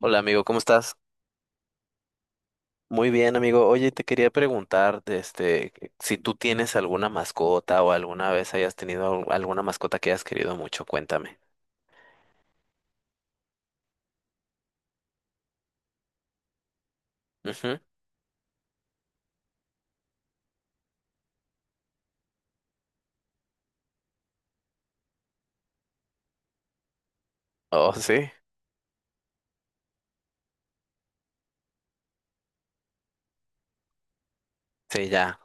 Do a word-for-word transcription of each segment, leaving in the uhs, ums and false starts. Hola amigo, ¿cómo estás? Muy bien amigo. Oye, te quería preguntar, de este, si tú tienes alguna mascota o alguna vez hayas tenido al- alguna mascota que hayas querido mucho, cuéntame. Ujú. Oh, sí. Sí, ya.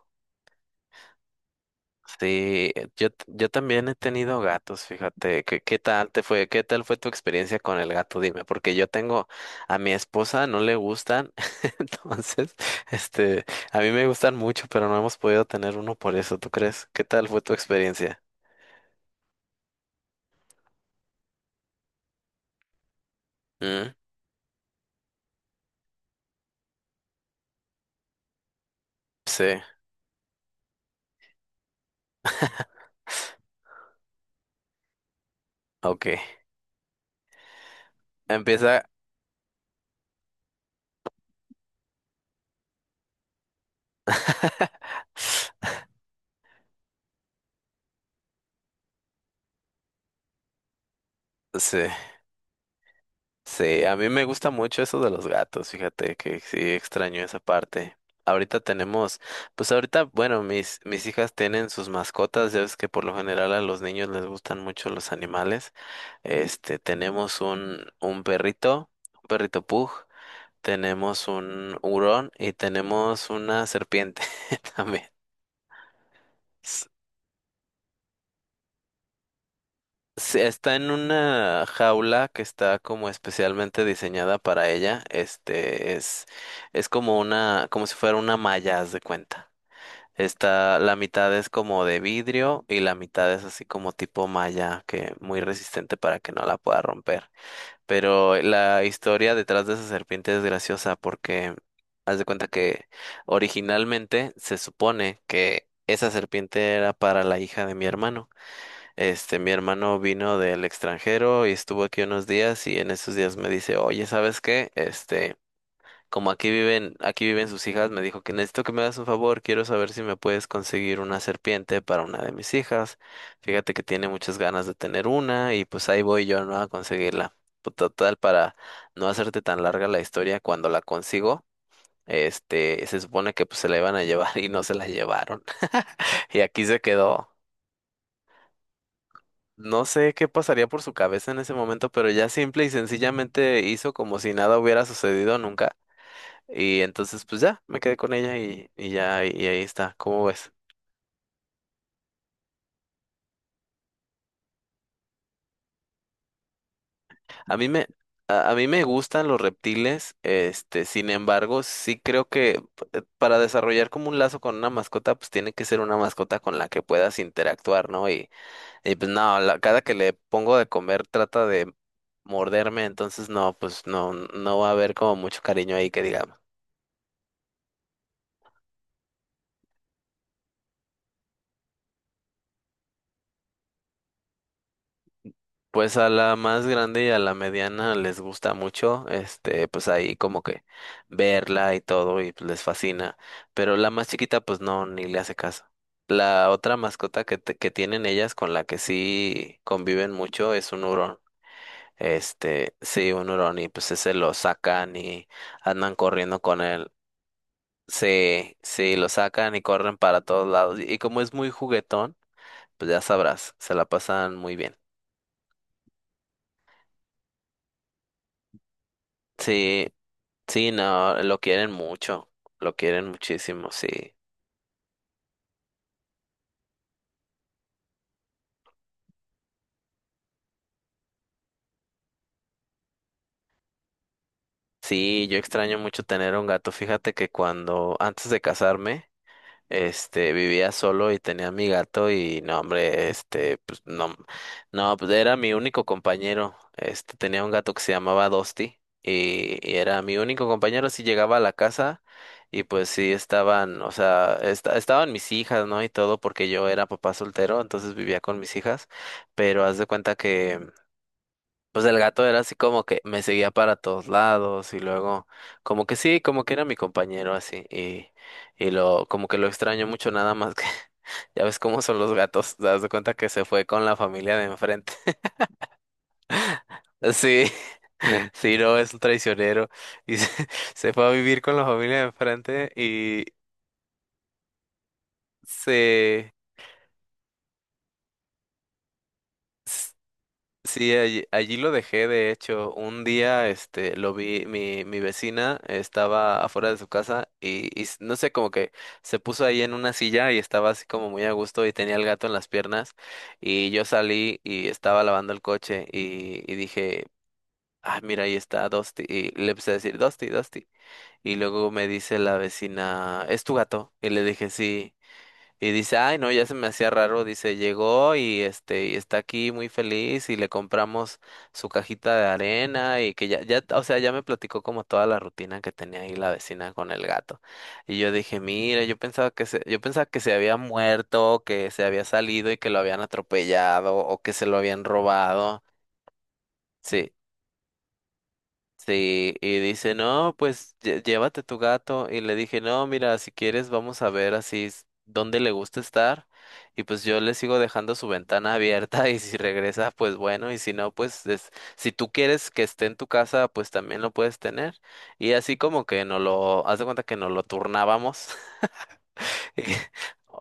Sí, eh, yo, t- yo también he tenido gatos, fíjate. ¿Qué, qué tal te fue? ¿Qué tal fue tu experiencia con el gato? Dime, porque yo tengo a mi esposa, no le gustan, entonces, este, a mí me gustan mucho, pero no hemos podido tener uno por eso, ¿tú crees? ¿Qué tal fue tu experiencia? Mm, sí. Ok, empieza. Sí, sí, a mí me gusta mucho eso de los gatos, fíjate que sí extraño esa parte. Ahorita tenemos, pues ahorita, bueno, mis, mis hijas tienen sus mascotas, ya ves que por lo general a los niños les gustan mucho los animales. Este, tenemos un, un perrito, un perrito pug, tenemos un hurón y tenemos una serpiente también. Sí, está en una jaula que está como especialmente diseñada para ella. Este es, es como una, como si fuera una malla, haz de cuenta. Está, la mitad es como de vidrio y la mitad es así como tipo malla, que muy resistente para que no la pueda romper. Pero la historia detrás de esa serpiente es graciosa porque haz de cuenta que originalmente se supone que esa serpiente era para la hija de mi hermano. Este, mi hermano vino del extranjero y estuvo aquí unos días y en esos días me dice, oye, ¿sabes qué? Este, como aquí viven, aquí viven sus hijas, me dijo que necesito que me hagas un favor, quiero saber si me puedes conseguir una serpiente para una de mis hijas. Fíjate que tiene muchas ganas de tener una y pues ahí voy yo, ¿no? A conseguirla. Pues, total, para no hacerte tan larga la historia, cuando la consigo, este, se supone que pues se la iban a llevar y no se la llevaron. Y aquí se quedó. No sé qué pasaría por su cabeza en ese momento, pero ya simple y sencillamente hizo como si nada hubiera sucedido nunca. Y entonces, pues ya, me quedé con ella y, y ya, y ahí está. ¿Cómo ves? A mí me, a, a mí me gustan los reptiles, este, sin embargo, sí creo que p- para desarrollar como un lazo con una mascota, pues tiene que ser una mascota con la que puedas interactuar, ¿no? Y, y pues no, la- cada que le pongo de comer trata de morderme, entonces no, pues no, no va a haber como mucho cariño ahí que digamos. Pues a la más grande y a la mediana les gusta mucho, este, pues ahí como que verla y todo y pues les fascina, pero la más chiquita pues no, ni le hace caso. La otra mascota que, te- que tienen ellas con la que sí conviven mucho es un hurón. Este, sí, un hurón y pues ese lo sacan y andan corriendo con él. Sí, sí, lo sacan y corren para todos lados y como es muy juguetón, pues ya sabrás, se la pasan muy bien. Sí, sí, no, lo quieren mucho, lo quieren muchísimo, sí. Sí, yo extraño mucho tener un gato. Fíjate que cuando, antes de casarme, este, vivía solo y tenía mi gato y no, hombre, este, pues no, no, pues era mi único compañero. Este, tenía un gato que se llamaba Dosti y, y era mi único compañero. Si llegaba a la casa y pues sí estaban, o sea, esta- estaban mis hijas, ¿no? Y todo porque yo era papá soltero, entonces vivía con mis hijas pero haz de cuenta que pues el gato era así como que me seguía para todos lados y luego como que sí, como que era mi compañero así y, y lo como que lo extraño mucho nada más que ya ves cómo son los gatos, te das de cuenta que se fue con la familia de enfrente. Sí, sí, no, es un traicionero y se, se fue a vivir con la familia de enfrente y se... sí, allí, allí lo dejé, de hecho, un día, este, lo vi, mi, mi vecina estaba afuera de su casa y, y s- no sé, como que se puso ahí en una silla y estaba así como muy a gusto y tenía el gato en las piernas y yo salí y estaba lavando el coche y, y dije, ah, mira, ahí está Dusty y le empecé a decir, Dusty, Dusty y luego me dice la vecina, ¿es tu gato? Y le dije, sí. Y dice, ay, no, ya se me hacía raro, dice, llegó y este, y está aquí muy feliz y le compramos su cajita de arena y que ya, ya, o sea, ya me platicó como toda la rutina que tenía ahí la vecina con el gato. Y yo dije, mira, yo pensaba que se, yo pensaba que se había muerto, que se había salido y que lo habían atropellado o que se lo habían robado. Sí, sí, y dice, no, pues lle- llévate tu gato. Y le dije, no, mira, si quieres vamos a ver así s- dónde le gusta estar. Y pues yo le sigo dejando su ventana abierta y si regresa, pues bueno, y si no, pues es- si tú quieres que esté en tu casa, pues también lo puedes tener. Y así como que no lo, haz de cuenta que nos lo turnábamos. Y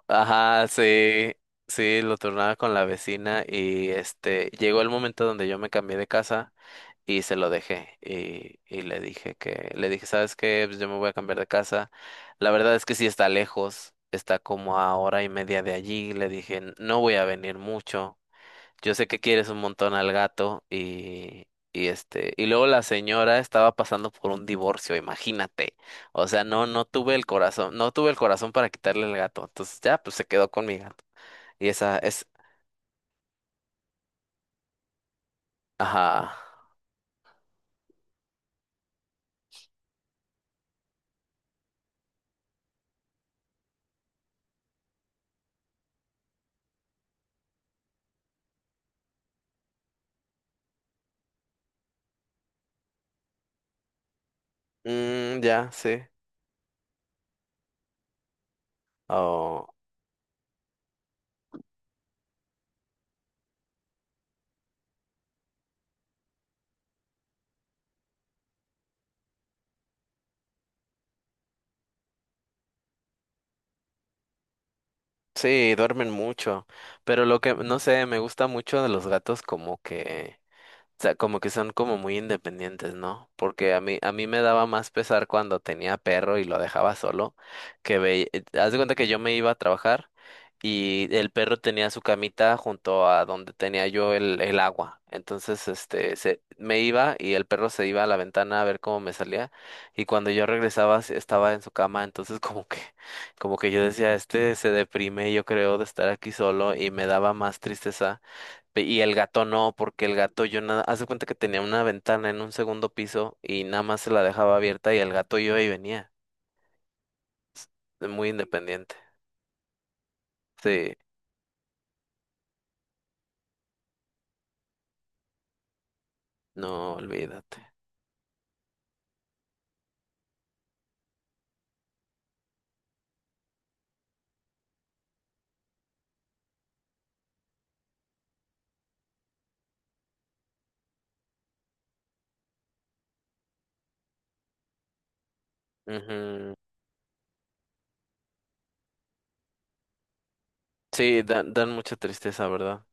ajá, sí, sí, lo turnaba con la vecina y este, llegó el momento donde yo me cambié de casa y se lo dejé y, y le dije que, le dije, ¿sabes qué? Pues yo me voy a cambiar de casa. La verdad es que sí está lejos, está como a hora y media de allí. Le dije, "N- no voy a venir mucho. Yo sé que quieres un montón al gato y, y este, y luego la señora estaba pasando por un divorcio, imagínate. O sea, no, no tuve el corazón, no tuve el corazón para quitarle el gato. Entonces ya, pues se quedó con mi gato. Y esa es, ajá, mm, ya, sí. Sí, duermen mucho, pero lo que, no sé, me gusta mucho de los gatos como que sea, como que son como muy independientes, ¿no? Porque a mí, a mí me daba más pesar cuando tenía perro y lo dejaba solo, que ve, eh, haz de cuenta que yo me iba a trabajar y el perro tenía su camita junto a donde tenía yo el, el agua. Entonces, este, se, me iba y el perro se iba a la ventana a ver cómo me salía y cuando yo regresaba se- estaba en su cama, entonces como que, como que yo decía, este se deprime, yo creo, de estar aquí solo y me daba más tristeza. Pe- Y el gato no, porque el gato yo nada, haz de cuenta que tenía una ventana en un segundo piso y nada más se la dejaba abierta y el gato iba y venía, de muy independiente. Sí, no, olvídate. Ujú. Sí, dan, dan mucha tristeza, ¿verdad?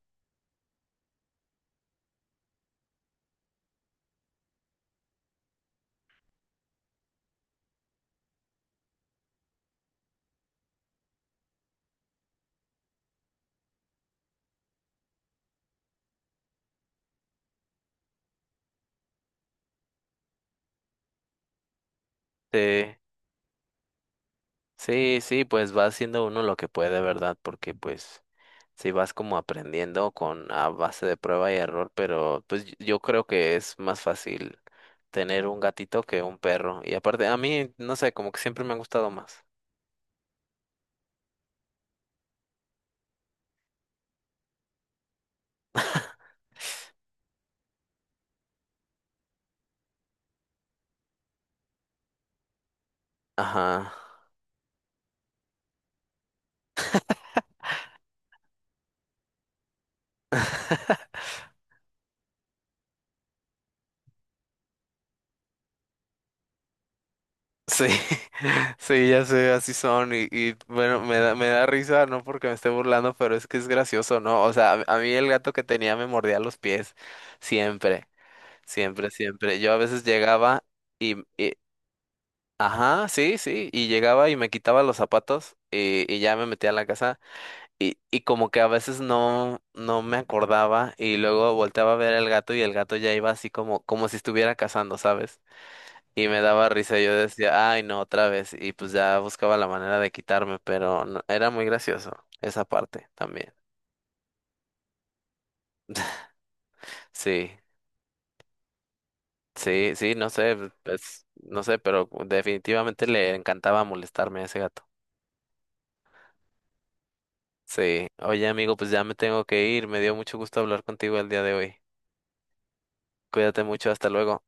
Sí, sí, sí, pues va haciendo uno lo que puede, ¿verdad? Porque pues sí vas como aprendiendo con a base de prueba y error, pero pues yo yo creo que es más fácil tener un gatito que un perro. Y aparte, a mí, no sé, como que siempre me han gustado más. Ajá. Sí, sí, ya sé, así son. Y, y, bueno, me da, me da risa, no porque me esté burlando, pero es que es gracioso, ¿no? O sea, a, a mí el gato que tenía me mordía los pies. Siempre, siempre, siempre. Yo a veces llegaba y, y- ajá, sí, sí. Y llegaba y me quitaba los zapatos y, y ya me metía a la casa. Y, y como que a veces no, no me acordaba. Y luego volteaba a ver al gato y el gato ya iba así como, como si estuviera cazando, ¿sabes? Y me daba risa, yo decía, ay, no, otra vez. Y pues ya buscaba la manera de quitarme, pero no- era muy gracioso esa parte también. Sí, sí, sí, no sé, pues, no sé, pero definitivamente le encantaba molestarme a ese gato. Sí, oye amigo, pues ya me tengo que ir, me dio mucho gusto hablar contigo el día de hoy. Cuídate mucho, hasta luego.